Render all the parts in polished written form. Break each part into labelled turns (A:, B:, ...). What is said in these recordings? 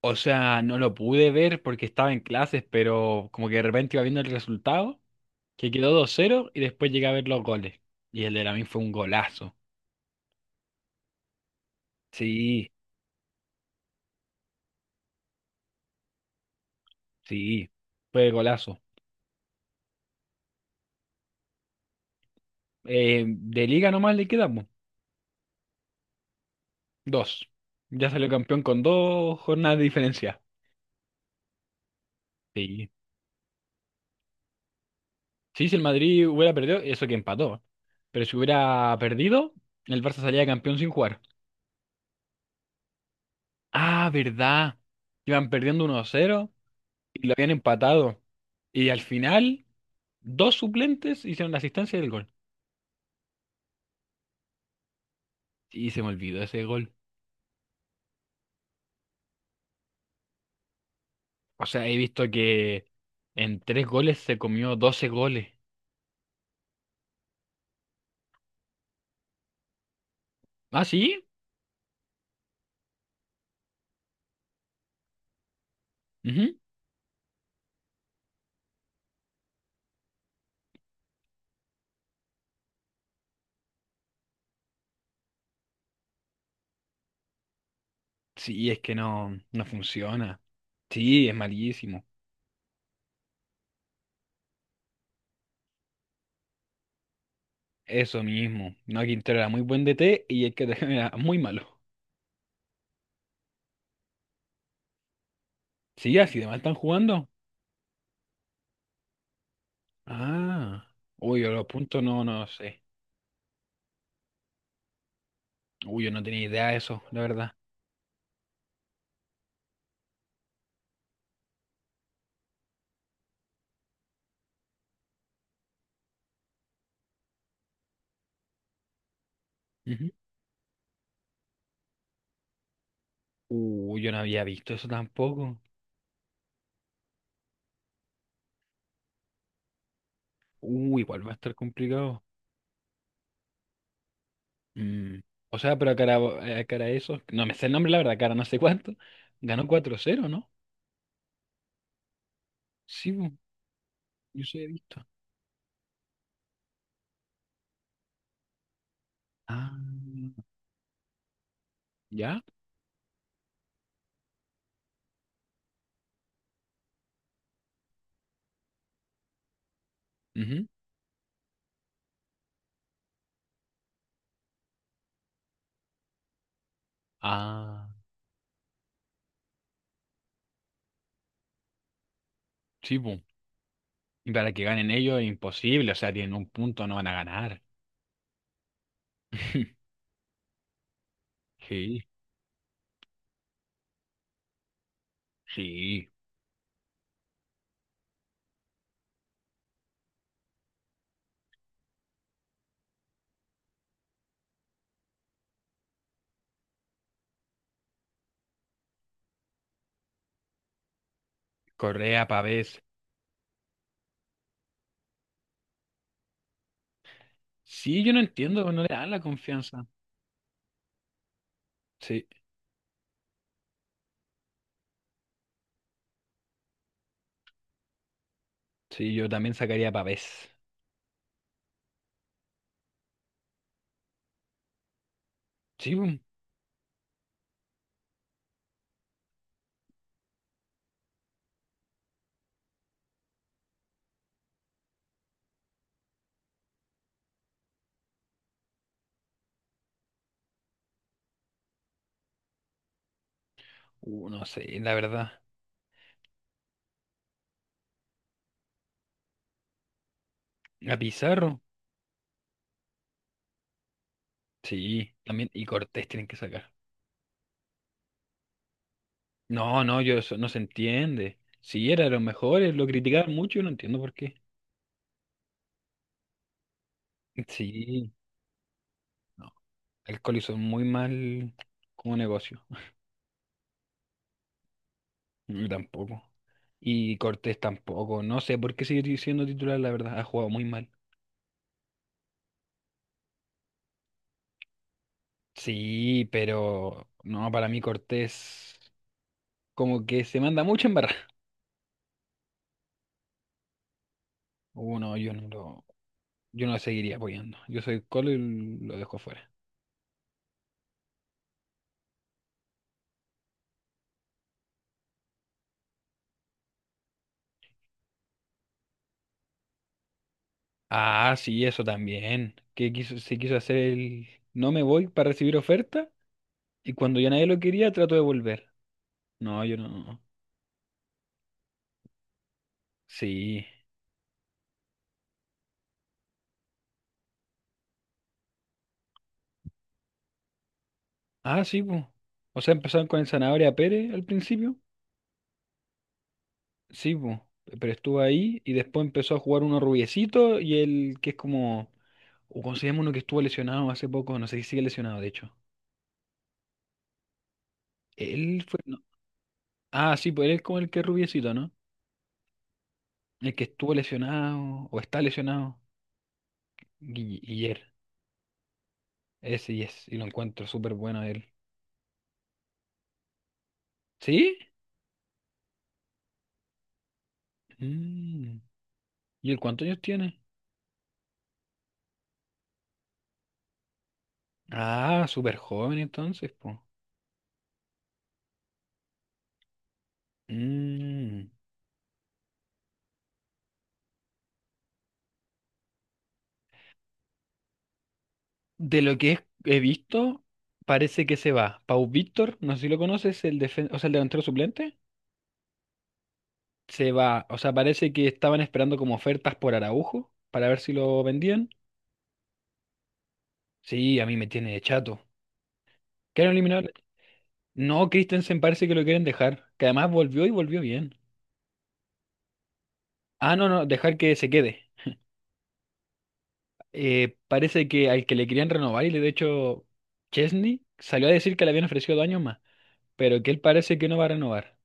A: O sea, no lo pude ver porque estaba en clases, pero como que de repente iba viendo el resultado, que quedó 2-0 y después llegué a ver los goles. Y el de Lamine fue un golazo. Sí, sí, fue golazo. De liga nomás le quedamos dos. Ya salió campeón con dos jornadas de diferencia. Sí. Sí, si el Madrid hubiera perdido, eso que empató. Pero si hubiera perdido, el Barça salía campeón sin jugar. Ah, ¿verdad? Iban perdiendo 1-0 y lo habían empatado. Y al final, dos suplentes hicieron la asistencia del gol. Y se me olvidó ese gol. O sea, he visto que en tres goles se comió 12 goles. ¿Ah, sí? Ujú. Sí, es que no funciona. Sí, es malísimo. Eso mismo. No, Quintero era muy buen D T y el que era muy malo. Sí, así de mal están jugando. Ah. Uy, yo los puntos no sé. Uy, yo no tenía idea de eso, la verdad. Ujú. Uy, yo no había visto eso tampoco. Igual va a estar complicado. Mm. O sea, pero a cara a eso, no me sé el nombre, la verdad, cara no sé cuánto. Ganó cuatro cero, ¿no? Sí, bu, yo sí he visto. Ah, ¿ya? Ujú. Ah, sí, bu. Y para que ganen ellos es imposible, o sea, tienen un punto, no van a ganar. Sí, sí. Correa, Pavés. Sí, yo no entiendo, no le dan la confianza. Sí, sí, yo también sacaría a Pavés. Sí, bu. No sé, la verdad. A Pizarro. Sí, también. Y Cortés tienen que sacar. No, yo eso no se entiende. Sí, era de los mejores, lo criticaban mucho y no entiendo por qué. Sí, no. El Coli hizo muy mal como negocio. Yo tampoco. Y Cortés tampoco. No sé por qué sigue siendo titular, la verdad. Ha jugado muy mal. Sí, pero no, para mí Cortés como que se manda mucho en barra. Uh, no, yo no lo, yo no lo seguiría apoyando. Yo soy Colo y lo dejo fuera. Ah, sí, eso también. Que quiso, se quiso hacer el no me voy para recibir oferta y cuando ya nadie lo quería trató de volver. No, yo no. Sí. Ah, sí, pues. O sea, empezaron con el Zanahoria Pérez al principio. Sí, pues. Pero estuvo ahí y después empezó a jugar uno rubiecito y el que es como... O ¿cómo se llama uno que estuvo lesionado hace poco? No sé si sigue lesionado, de hecho. Él fue... no. Ah, sí, pues él es como el que es rubiecito, ¿no? El que estuvo lesionado o está lesionado. Guiller. Ese y es, y Lo encuentro súper bueno él. ¿Sí? Mm. ¿Y él cuántos años tiene? Ah, súper joven entonces, po. Mm. De lo que es- He visto, parece que se va. Pau Víctor, no sé si lo conoces, el o sea, el delantero suplente, se va. O sea, parece que estaban esperando como ofertas por Araujo para ver si lo vendían. Sí, a mí me tiene de chato. ¿Quieren eliminar? No, Christensen parece que lo quieren dejar, que además volvió y volvió bien. Ah, no, dejar que se quede. Parece que al que le querían renovar, y de hecho Chesney salió a decir que le habían ofrecido dos años más, pero que él parece que no va a renovar.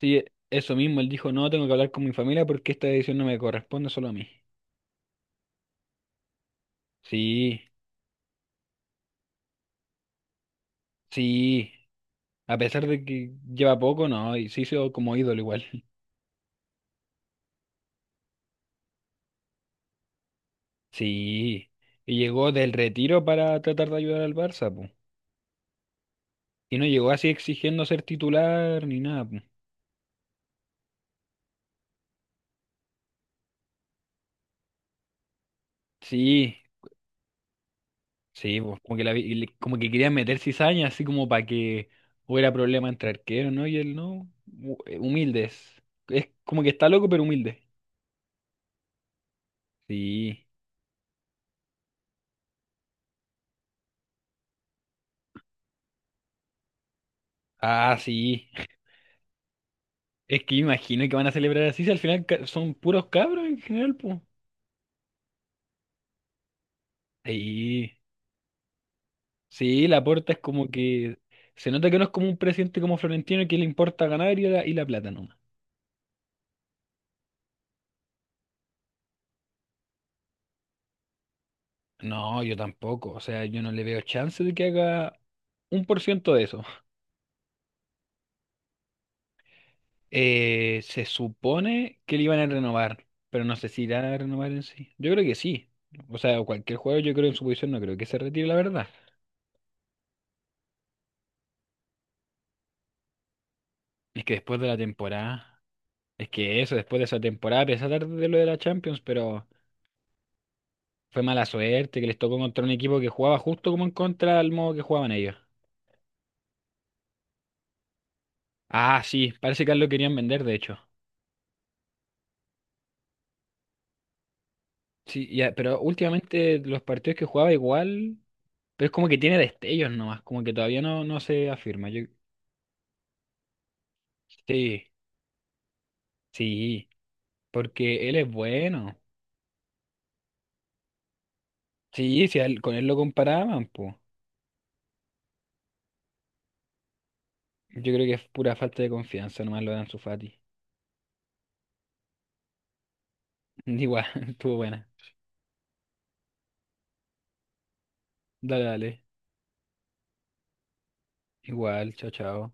A: Sí, eso mismo, él dijo, no, tengo que hablar con mi familia porque esta decisión no me corresponde solo a mí. Sí, sí, a pesar de que lleva poco, no, y se hizo como ídolo igual. Sí, y llegó del retiro para tratar de ayudar al Barça, po. Y no llegó así exigiendo ser titular ni nada, po. Sí. Sí, pues, como que, la, vi- y le- como que querían meter cizaña, así como para que hubiera problema entre arqueros, ¿no? Y él no. Humildes. Es como que está loco, pero humilde. Sí. Ah, sí. Es que imagino que van a celebrar así, si al final son puros cabros en general, pues. Sí. Sí, Laporta es como que. Se nota que no es como un presidente como Florentino que le importa ganar y la plata nomás. No, yo tampoco. O sea, yo no le veo chance de que haga un por ciento de eso. Se supone que le iban a renovar, pero no sé si irán a renovar en sí. Yo creo que sí. O sea, cualquier jugador, yo creo en su posición, no creo que se retire, la verdad. Es que después de la temporada, es que eso, Después de esa temporada, a pesar de lo de la Champions, pero fue mala suerte que les tocó contra un equipo que jugaba justo como en contra al modo que jugaban ellos. Ah, sí, parece que lo querían vender, de hecho. Sí, ya, pero últimamente los partidos que jugaba igual, pero es como que tiene destellos nomás, como que todavía no se afirma. Yo, sí, sí. Porque él es bueno. Sí, si a él- con él lo comparaban, pues. Yo creo que es pura falta de confianza, nomás lo dan su Fati. Igual, estuvo buena. Dale, dale. Igual, chao, chao.